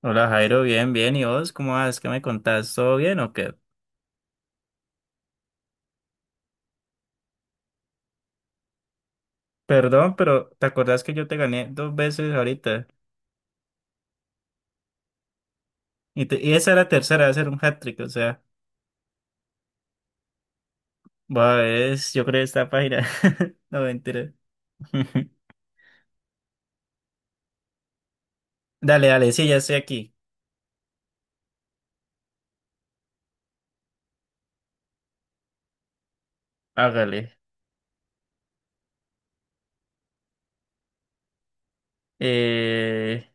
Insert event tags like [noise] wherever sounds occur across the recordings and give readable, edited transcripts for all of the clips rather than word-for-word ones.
Hola Jairo, bien, bien. ¿Y vos cómo vas? ¿Qué me contás? ¿Todo bien o qué? Perdón, pero ¿te acordás que yo te gané dos veces ahorita? Y esa era la tercera, va a ser un hat-trick, o sea, va, es, yo creo esta página. [laughs] No, mentira. [laughs] Dale, dale, sí, ya estoy aquí. Hágale. Eh,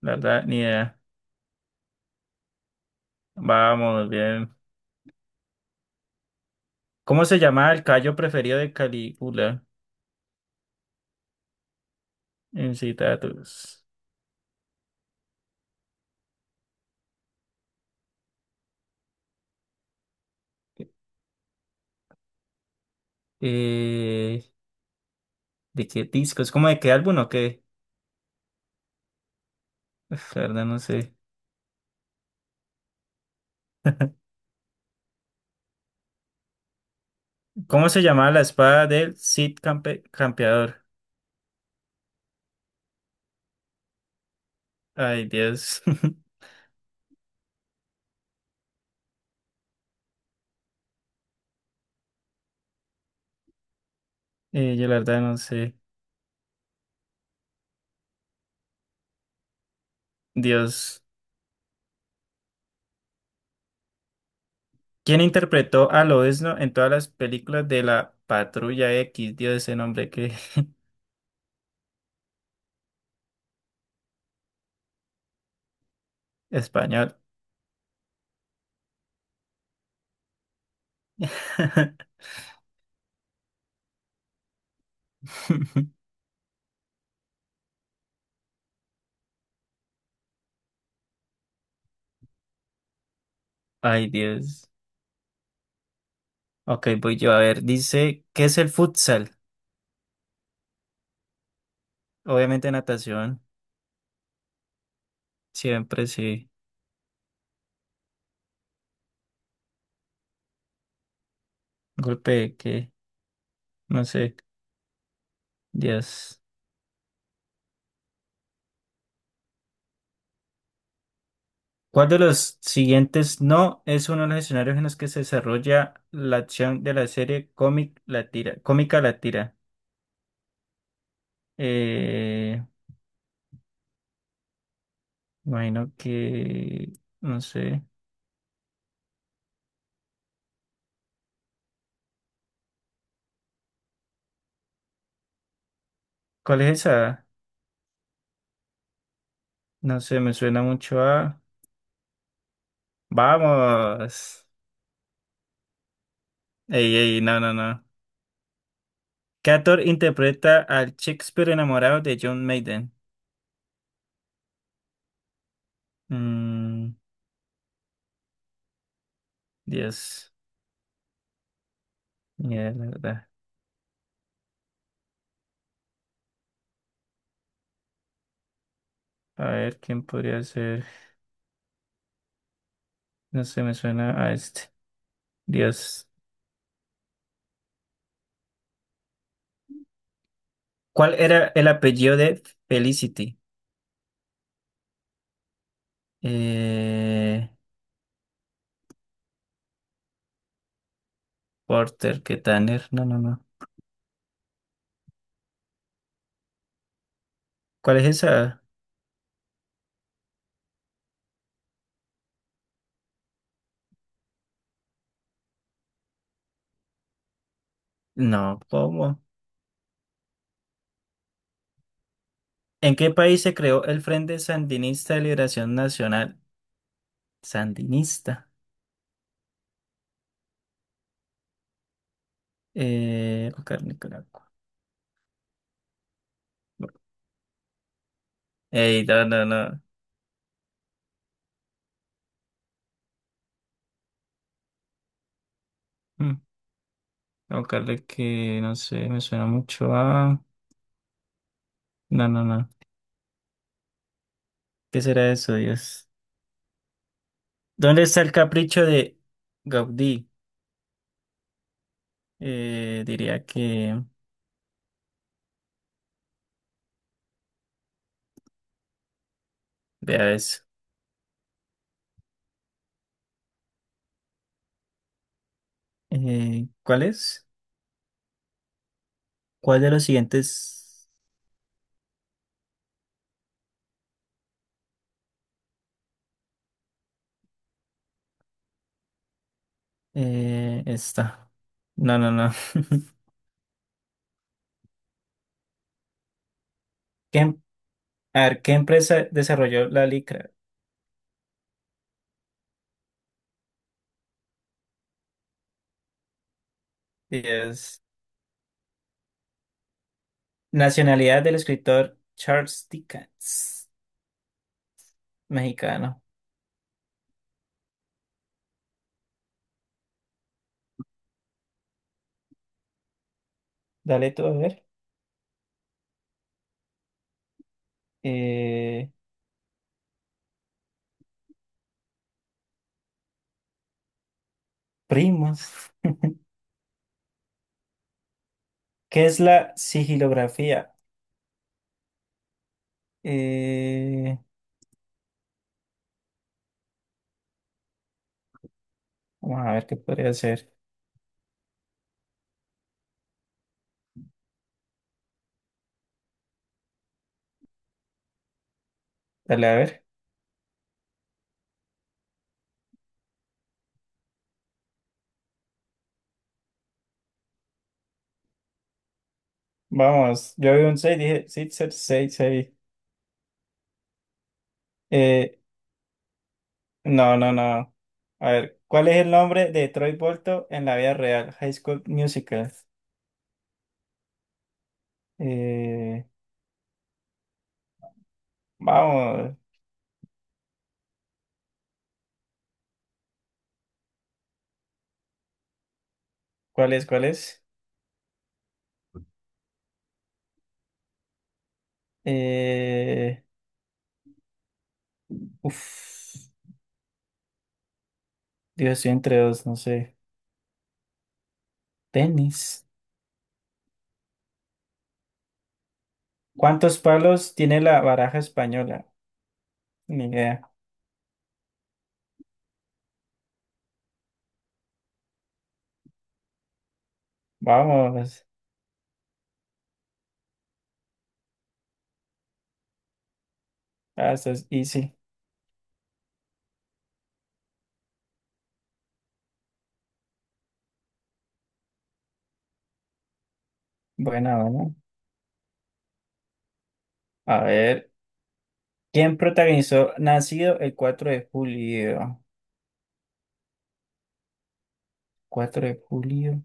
la verdad, ni idea. Vamos, bien. ¿Cómo se llama el callo preferido de Calígula? En citatus. Eh, ¿De qué disco? ¿Es como de qué álbum o qué? Uf, la verdad, no sé. ¿Cómo se llamaba la espada del Cid Campeador? Ay, Dios. [laughs] Yo la verdad no sé. Dios. ¿Quién interpretó a Lobezno en todas las películas de la Patrulla X? Dios, ese nombre que… [laughs] Español. [laughs] Ay, Dios. Ok, voy yo a ver. Dice, ¿qué es el futsal? Obviamente natación. Siempre sí. Golpe que, no sé. Dios. ¿Cuál de los siguientes no es uno de los escenarios en los que se desarrolla la acción de la serie cómica la tira? Eh, Imagino que, no sé, ¿cuál es esa? No sé, me suena mucho a… ¡Vamos! Ey, ey, no, no, no. ¿Qué actor interpreta al Shakespeare enamorado de John Maiden? Mm, Dios, mierda. A ver, ¿quién podría ser? No sé, me suena a este. Dios. ¿Cuál era el apellido de Felicity? Eh, Porter, ¿qué Tanner? No, no, no. ¿Cuál es esa? No, ¿cómo? ¿En qué país se creó el Frente Sandinista de Liberación Nacional? Sandinista. Buscar Nicaragua. Ey, no, no, no. Mm, a buscarle que, no sé, me suena mucho a… No, no, no. ¿Qué será eso, Dios? ¿Dónde está el capricho de Gaudí? Diría que… Vea eso. ¿Cuál es? ¿Cuál de los siguientes está? No, no, no. [laughs] ¿Qué, em- a ver, ¿Qué empresa desarrolló la licra? Es nacionalidad del escritor Charles Dickens, mexicano. Dale tú a ver. Eh, Primos. ¿Qué es la sigilografía? Eh, Vamos a ver qué podría ser. Dale a ver. Vamos, yo vi un 6, dije 6, 6, 6. 6. No, no, no. A ver, ¿cuál es el nombre de Troy Bolton en la vida real? High School Musical. Eh, Vamos, ¿cuál es? ¿Cuál es? Eh, uf, Dios, estoy entre dos, no sé. Tenis. ¿Cuántos palos tiene la baraja española? Ni idea. Vamos. Ah, esto es easy. Buena, buena. A ver, ¿quién protagonizó Nacido el cuatro de julio? 4 de julio,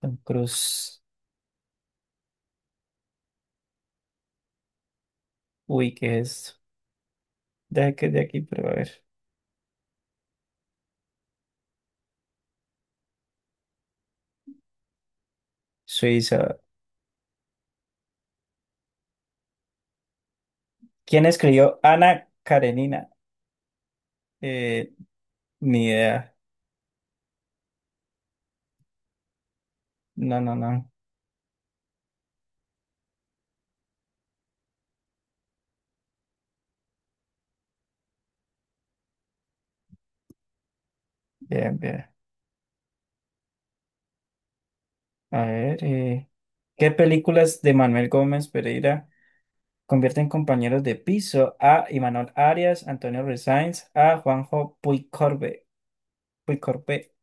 Tom Cruise. Uy, ¿qué es esto? Deja que es de aquí, pero a ver. Suiza. ¿Quién escribió Ana Karenina? Eh, Ni idea. No, no, no. Bien, bien. A ver, ¿qué películas de Manuel Gómez Pereira convierten compañeros de piso a Imanol Arias, Antonio Resáenz, a Juanjo Puigcorbe? Puigcorbe.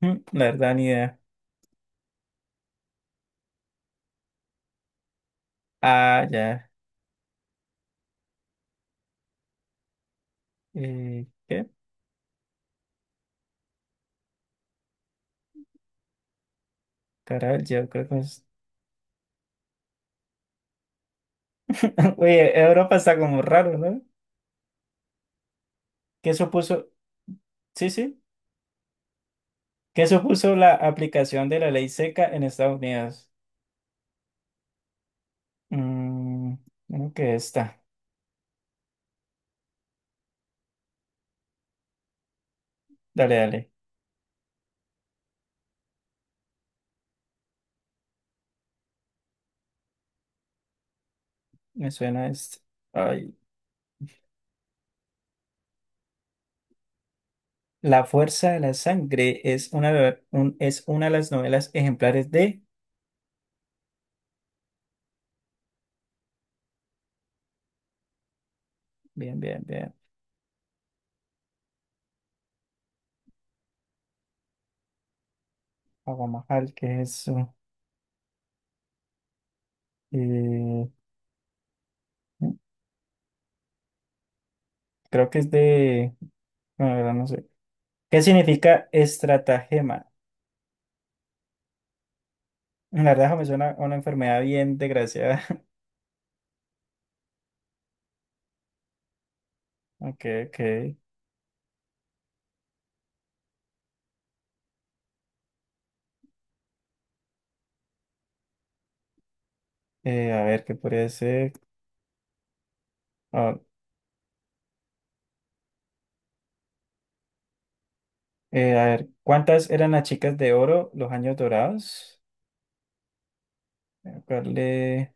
La verdad, ni idea. Ah, ya. ¿Qué? Caral, yo creo que es… [laughs] Oye, Europa está como raro, ¿no? ¿Qué supuso? Sí, sí. ¿Qué supuso la aplicación de la ley seca en Estados Unidos? Mm, Creo que esta. Dale, dale. Me suena esto. Ay. La fuerza de la sangre es una de las novelas ejemplares de… Bien, bien, bien. Aguamajal, ¿qué es eso? Eh, Creo que es de… Bueno, la verdad no sé. ¿Qué significa estratagema? La verdad eso me suena a una enfermedad bien desgraciada. [laughs] Ok, ok. A ver, ¿qué podría ser? Ah. A ver, ¿cuántas eran las chicas de oro, los años dorados? Eh, ¿Cuál le-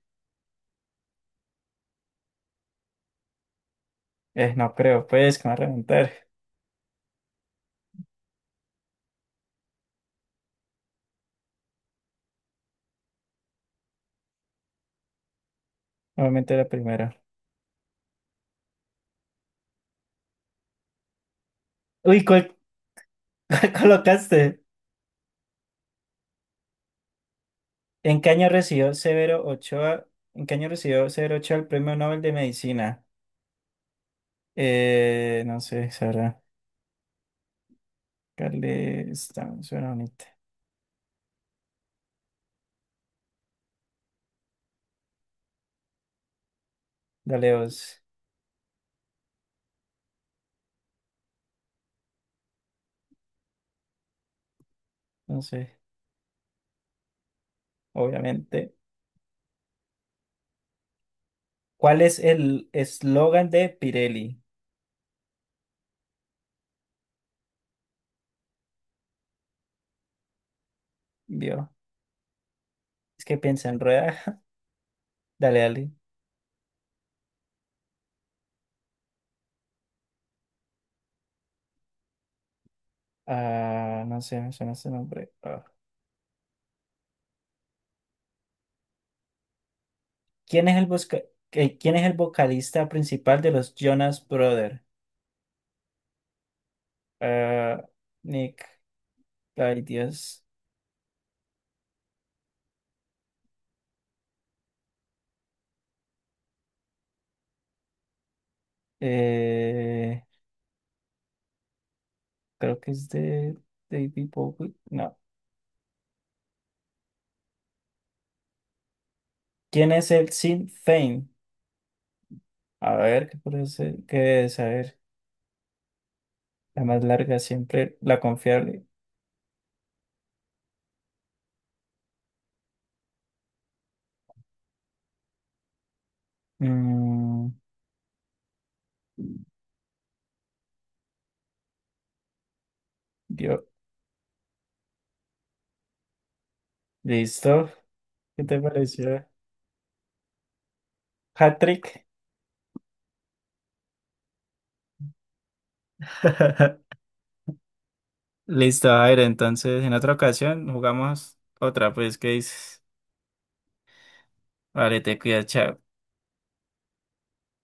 no creo, pues, que me va a reventar. Obviamente la primera. Uy, ¿cuál, [laughs] cuál colocaste? ¿En qué año recibió Severo Ochoa? ¿En qué año recibió Severo Ochoa el Premio Nobel de Medicina? No sé, Sara. Carle, está, suena bonita. Dale dos. No sé, obviamente. ¿Cuál es el eslogan de Pirelli? Vio, es que piensa en rueda. [laughs] Dale, dale. Ah, no sé, me suena ese nombre. Ah. ¿Quién es el busca- ¿Quién es el vocalista principal de los Jonas Brothers? Ah, Nick, ay Dios. Eh, Creo que es de David Bowie. No. ¿Quién es el Sinn Féin? A ver, ¿qué puede ser? ¿Qué es? A ver, la más larga siempre, la confiable. Mm, yo, listo. ¿Qué te pareció? Hat-trick. [laughs] Listo, Jair. Entonces, en otra ocasión jugamos otra, pues, ¿qué dices? Vale, te cuidas, chao.